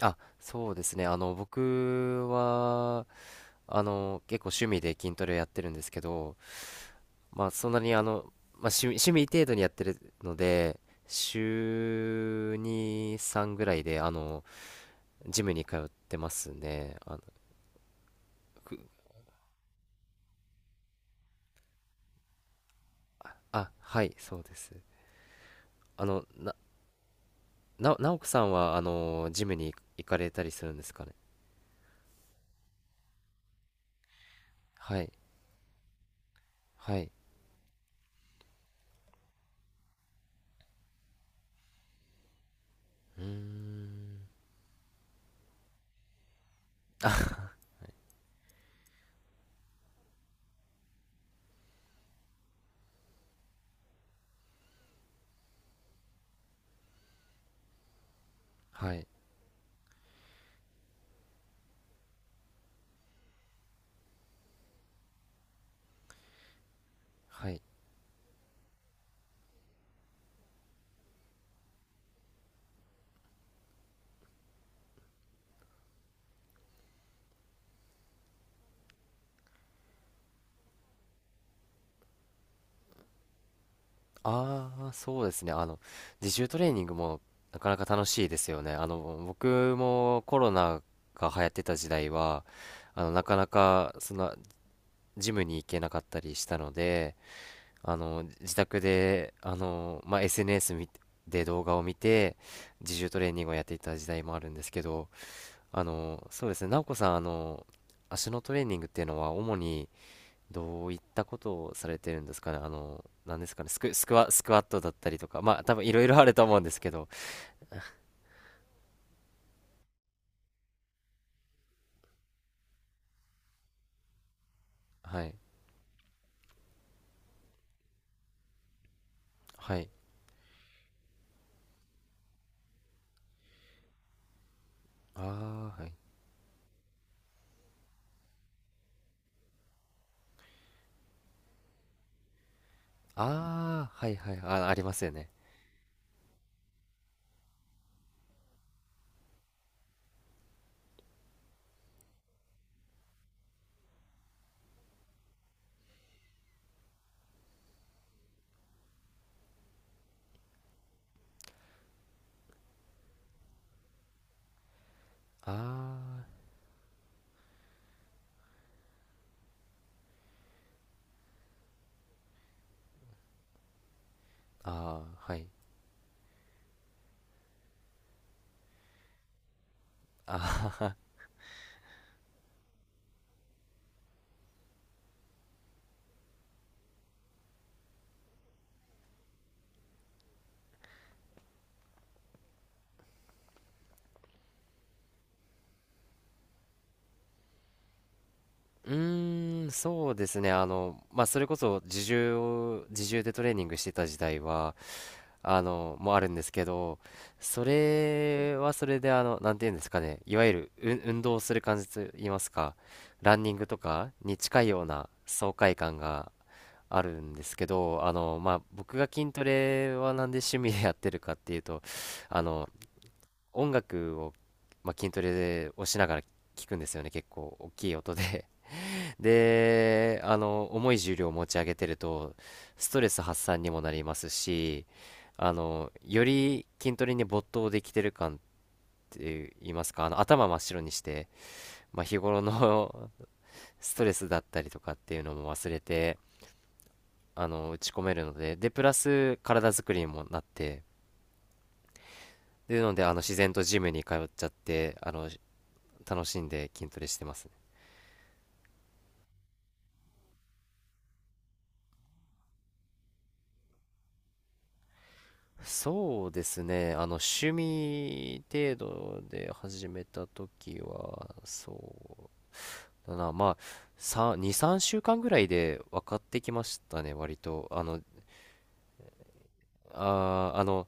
そうですね。僕は、結構趣味で筋トレをやってるんですけど、まあ、そんなにあの、まあ、趣味、趣味程度にやってるので、週2、3ぐらいで、ジムに通ってますね。く、はい、そうです。あの、な、な、直子さんは、ジムに行かれたりするんですかね。はい、はい。うーん、はい、はい。ああ、そうですね。自重トレーニングもなかなか楽しいですよね。僕もコロナが流行ってた時代は、あの、なかなか、その、ジムに行けなかったりしたので、自宅で、SNS 見て動画を見て、自重トレーニングをやっていた時代もあるんですけど、そうですね。直子さん、足のトレーニングっていうのは、主に、どういったことをされてるんですかね、あの、なんですかね、スク、スクワ、スクワットだったりとか、まあ、多分いろいろあると思うんですけど、はい、はい、ああ、はい、ああ、はい、はい、ありますよね。ああ、ああ、はい、あうーん、そうですね、あの、まあ、それこそ自重でトレーニングしてた時代は、もあるんですけど、それはそれで、あの、なんていうんですかね、いわゆる、運動する感じと言いますか、ランニングとかに近いような爽快感があるんですけど、まあ、僕が筋トレはなんで趣味でやってるかっていうと、あの、音楽を、まあ、筋トレをしながら聞くんですよね、結構大きい音で重い重量を持ち上げてると、ストレス発散にもなりますし、より筋トレに没頭できてる感って言いますか、頭真っ白にして、まあ、日頃の ストレスだったりとかっていうのも忘れて、打ち込めるので、で、プラス体作りにもなって、で、なので、あの、自然とジムに通っちゃって、楽しんで筋トレしてますね。そうですね。趣味程度で始めた時は、そうだな。まあ、2、3週間ぐらいで分かってきましたね、割と。あー、あの、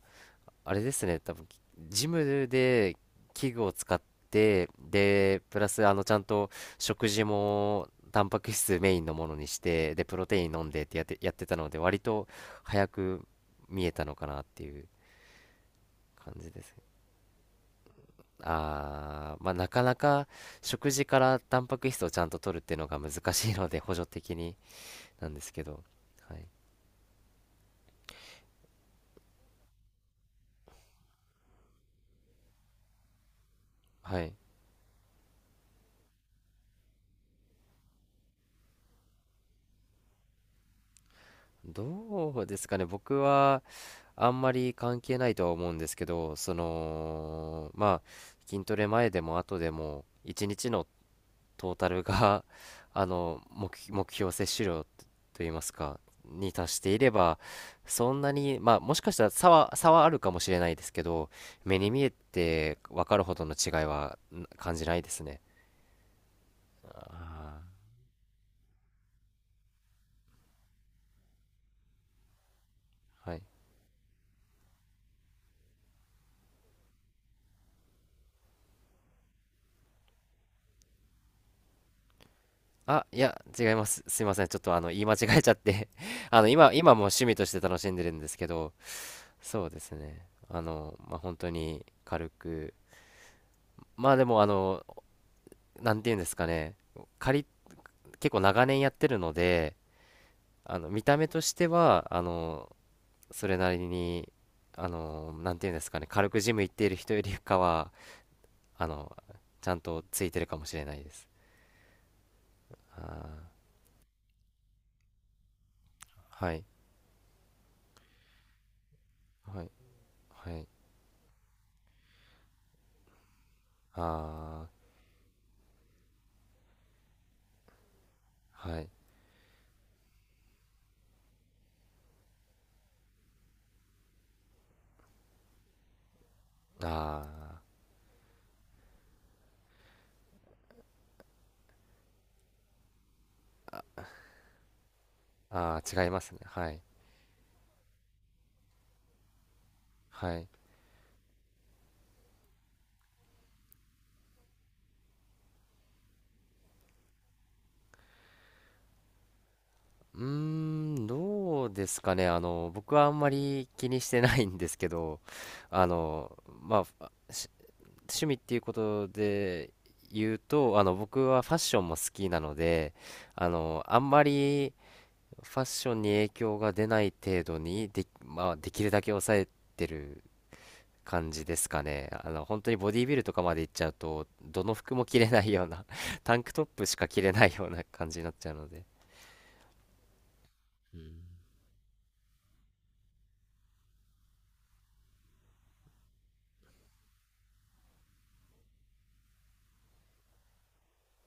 あれですね。多分、ジムで器具を使って、で、プラス、ちゃんと食事も、タンパク質メインのものにして、で、プロテイン飲んでってやってたので、割と早く見えたのかなっていう感じですね。あー、まあなかなか食事からタンパク質をちゃんと取るっていうのが難しいので補助的になんですけど、はい。はい。どうですかね。僕はあんまり関係ないとは思うんですけど、まあ筋トレ前でも後でも一日のトータルが あの目標摂取量といいますかに達していればそんなにまあもしかしたら差はあるかもしれないですけど目に見えて分かるほどの違いは感じないですね。あーはい、いや違います。すいませんちょっとあの言い間違えちゃって 今も趣味として楽しんでるんですけどそうですね本当に軽くまあでもあのなんていうんですかね仮結構長年やってるので見た目としてはそれなりにあのなんていうんですかね軽くジム行っている人よりかはあのちゃんとついてるかもしれないです。あーはいはいはいあーはいあーあー違いますねはいはいうーんどうですかね僕はあんまり気にしてないんですけどあのまあ趣味っていうことで言うと、僕はファッションも好きなので、あんまりファッションに影響が出ない程度にで、まあ、できるだけ抑えてる感じですかね。本当にボディビルとかまでいっちゃうと、どの服も着れないような タンクトップしか着れないような感じになっちゃうので。うん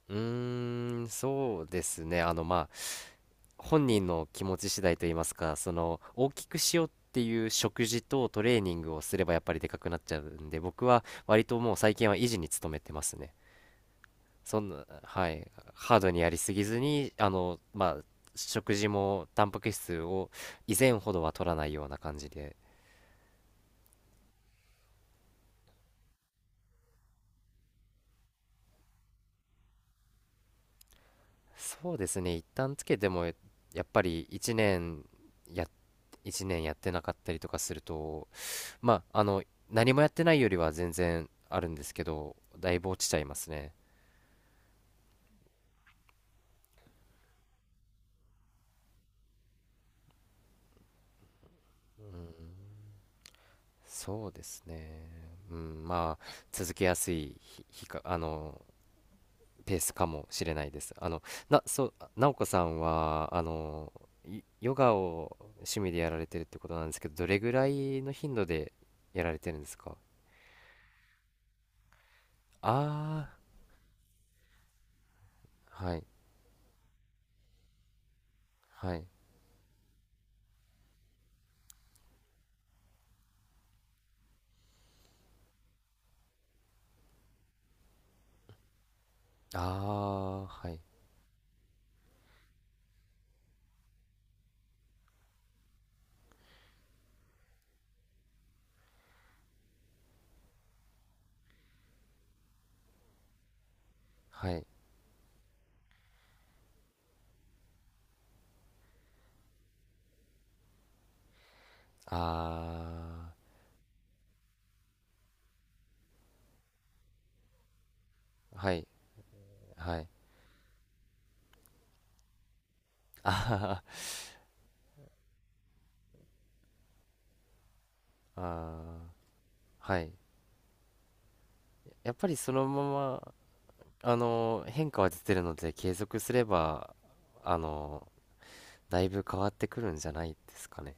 うーん、そうですね。本人の気持ち次第といいますか、その大きくしようっていう食事とトレーニングをすればやっぱりでかくなっちゃうんで、僕は割ともう最近は維持に努めてますね。そんな、はい、ハードにやりすぎずに、まあ、食事もタンパク質を以前ほどは取らないような感じで、そうですね、一旦つけてもやっぱりや、1年やってなかったりとかすると、まあ、あの、何もやってないよりは全然あるんですけど、だいぶ落ちちゃいますね。そうですね。うん、まあ、続けやすい日、日か、あの、ペースかもしれないです。あの、な、そう、なおこさんは、ヨガを趣味でやられてるってことなんですけど、どれぐらいの頻度でやられてるんですか？ああー、はい、はい。ああ、はい、はい。ああ、はい、はい。ああ、ああ。はい。やっぱりそのまま、変化は出てるので、継続すれば、あの、だいぶ変わってくるんじゃないですかね。